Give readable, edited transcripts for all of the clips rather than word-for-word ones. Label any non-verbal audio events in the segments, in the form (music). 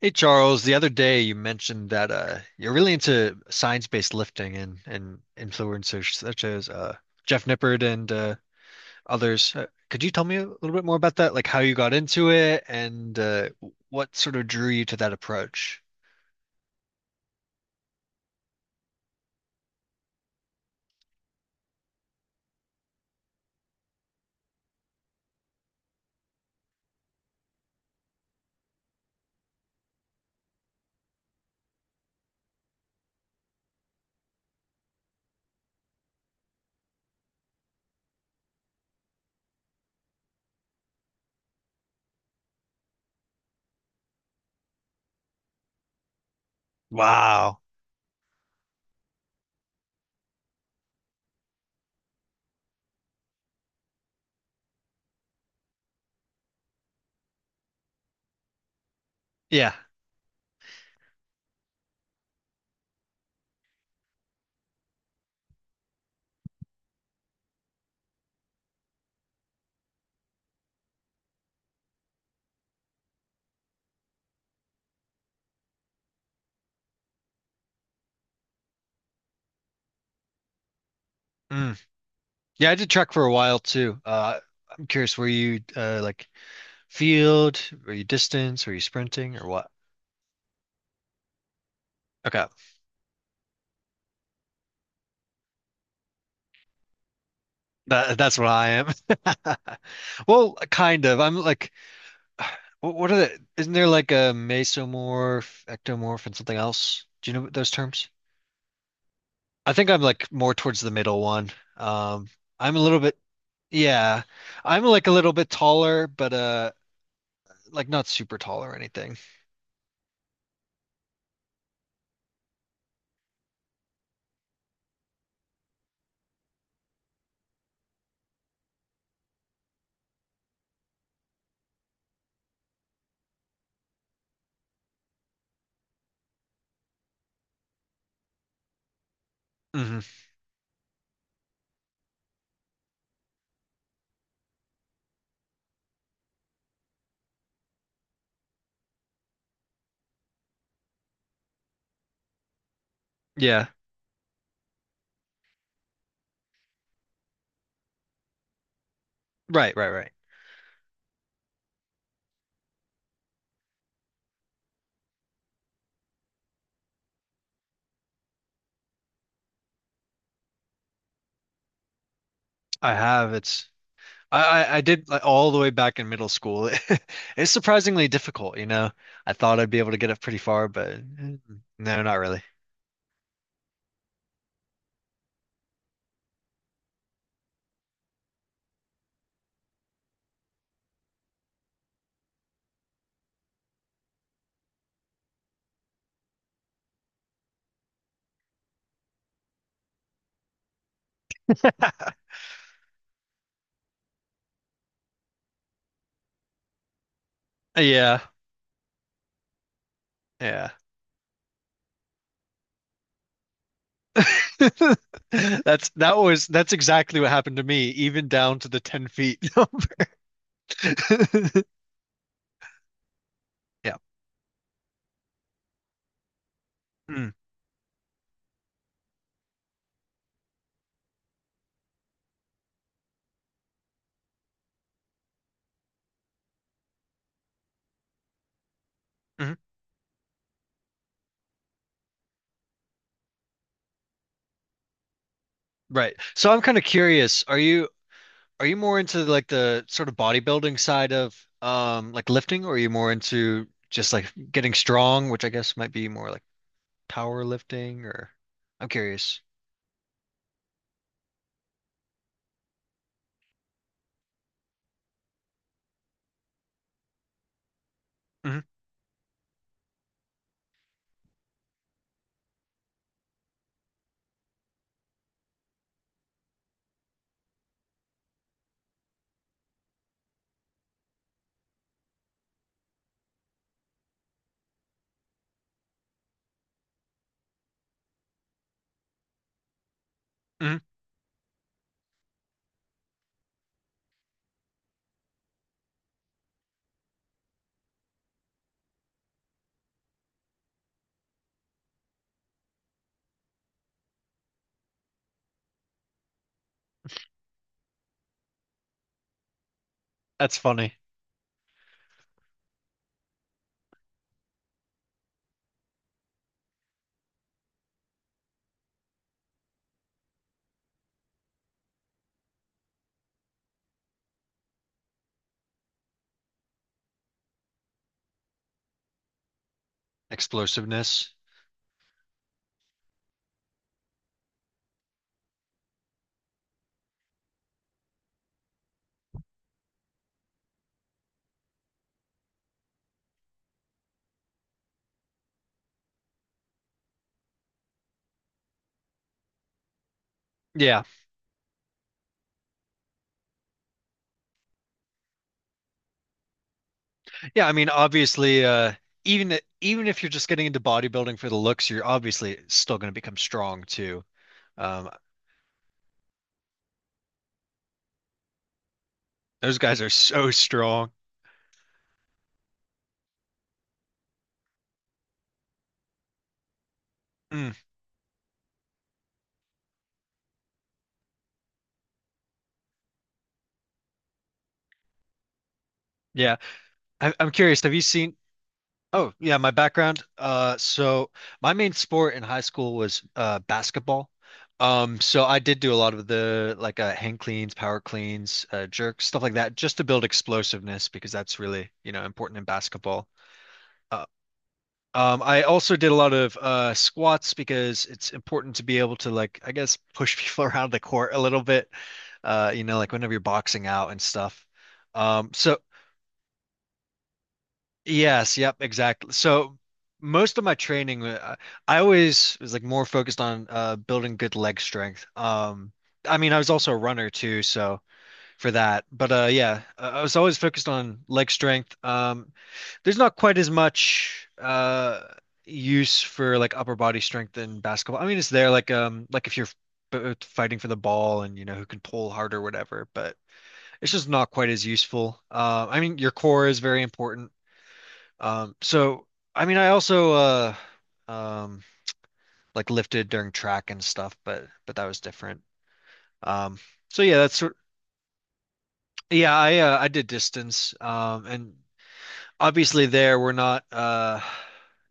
Hey Charles, the other day you mentioned that you're really into science-based lifting and influencers such as Jeff Nippard and others. Could you tell me a little bit more about that? Like how you got into it and what sort of drew you to that approach? Wow. Yeah. Mm. Yeah, I did track for a while too. I'm curious, were you like field? Were you distance? Were you sprinting or what? Okay. That's what I am. (laughs) Well, kind of. I'm like (sighs) What are the, isn't there like a mesomorph, ectomorph, and something else? Do you know those terms? I think I'm like more towards the middle one. Um, I'm a little bit, yeah, I'm like a little bit taller, but like not super tall or anything. Hmm. Yeah, right, right, right. I have. It's I did like all the way back in middle school. (laughs) It's surprisingly difficult, you know. I thought I'd be able to get up pretty far, but mm, no, not really. (laughs) Yeah, yeah. (laughs) That's that was that's exactly what happened to me, even down to the 10 feet. (laughs) Yeah. Mm. Mhm. Right. So I'm kind of curious, are you more into like the sort of bodybuilding side of like lifting, or are you more into just like getting strong, which I guess might be more like power lifting or I'm curious. Hmm. Hmm. That's funny. Explosiveness. Yeah. Yeah, I mean, obviously, even if you're just getting into bodybuilding for the looks, you're obviously still going to become strong too. Um, those guys are so strong. Mm, yeah, I'm curious. Have you seen? Oh, yeah, my background. So my main sport in high school was basketball. So I did do a lot of the like hang cleans, power cleans, jerks, stuff like that, just to build explosiveness because that's really, you know, important in basketball. Uh, I also did a lot of squats because it's important to be able to like, I guess, push people (laughs) around the court a little bit. You know, like whenever you're boxing out and stuff. So yes, yep, exactly. So most of my training, I always was like more focused on building good leg strength. I mean, I was also a runner too, so for that. But yeah, I was always focused on leg strength. There's not quite as much use for like upper body strength in basketball. I mean, it's there like if you're fighting for the ball and you know who can pull harder or whatever, but it's just not quite as useful. I mean, your core is very important. So I mean, I also um like lifted during track and stuff, but that was different. Um, so yeah, that's sort yeah, I did distance, and obviously there we're not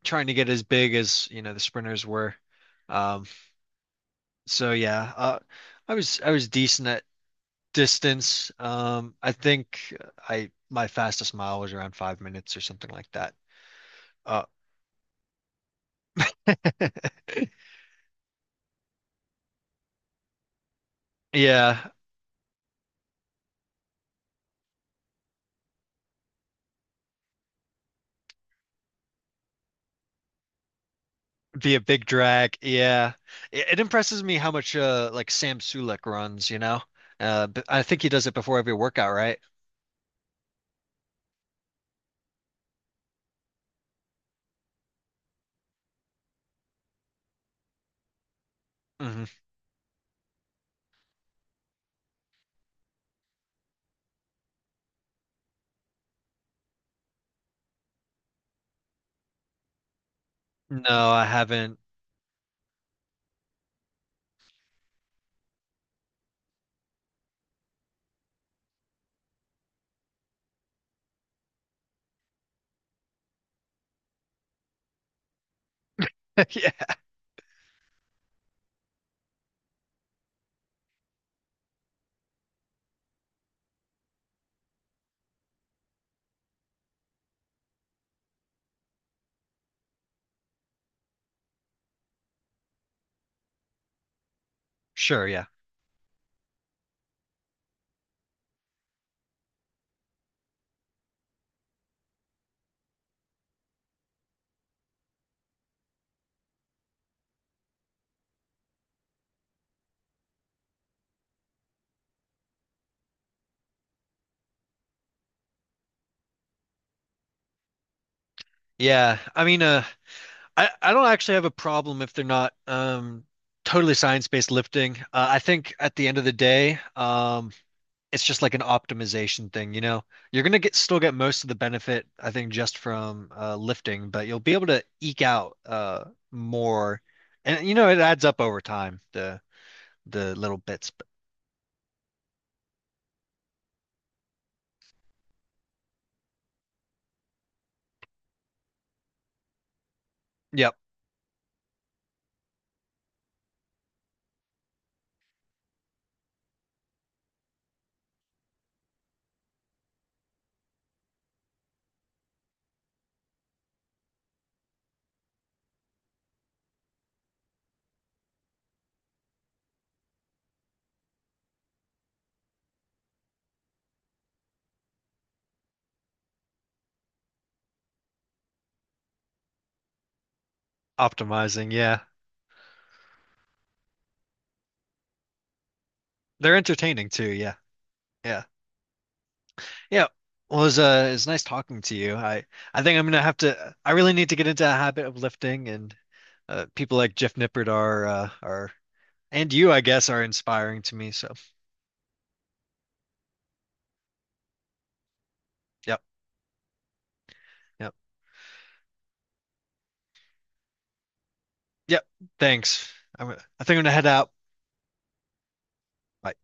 trying to get as big as you know the sprinters were, um so yeah, I was decent at distance. I think I my fastest mile was around 5 minutes or something like that. uh (laughs) yeah, be a big drag. Yeah, it impresses me how much like Sam Sulek runs, you know. But I think he does it before every workout, right? Hmm. No, I haven't. (laughs) Yeah. Sure, yeah. Yeah, I mean, I don't actually have a problem if they're not totally science-based lifting. I think at the end of the day, it's just like an optimization thing, you know. You're gonna get still get most of the benefit, I think, just from lifting, but you'll be able to eke out more, and you know it adds up over time, the little bits. But, yep, optimizing. Yeah, they're entertaining too. Yeah, yeah. Yeah. Well, it was, it nice talking to you. I think I'm gonna have to. I really need to get into a habit of lifting, and people like Jeff Nippert are, and you, I guess, are inspiring to me. So, yep, yep, yep. Thanks. I think I'm gonna head out. Bye.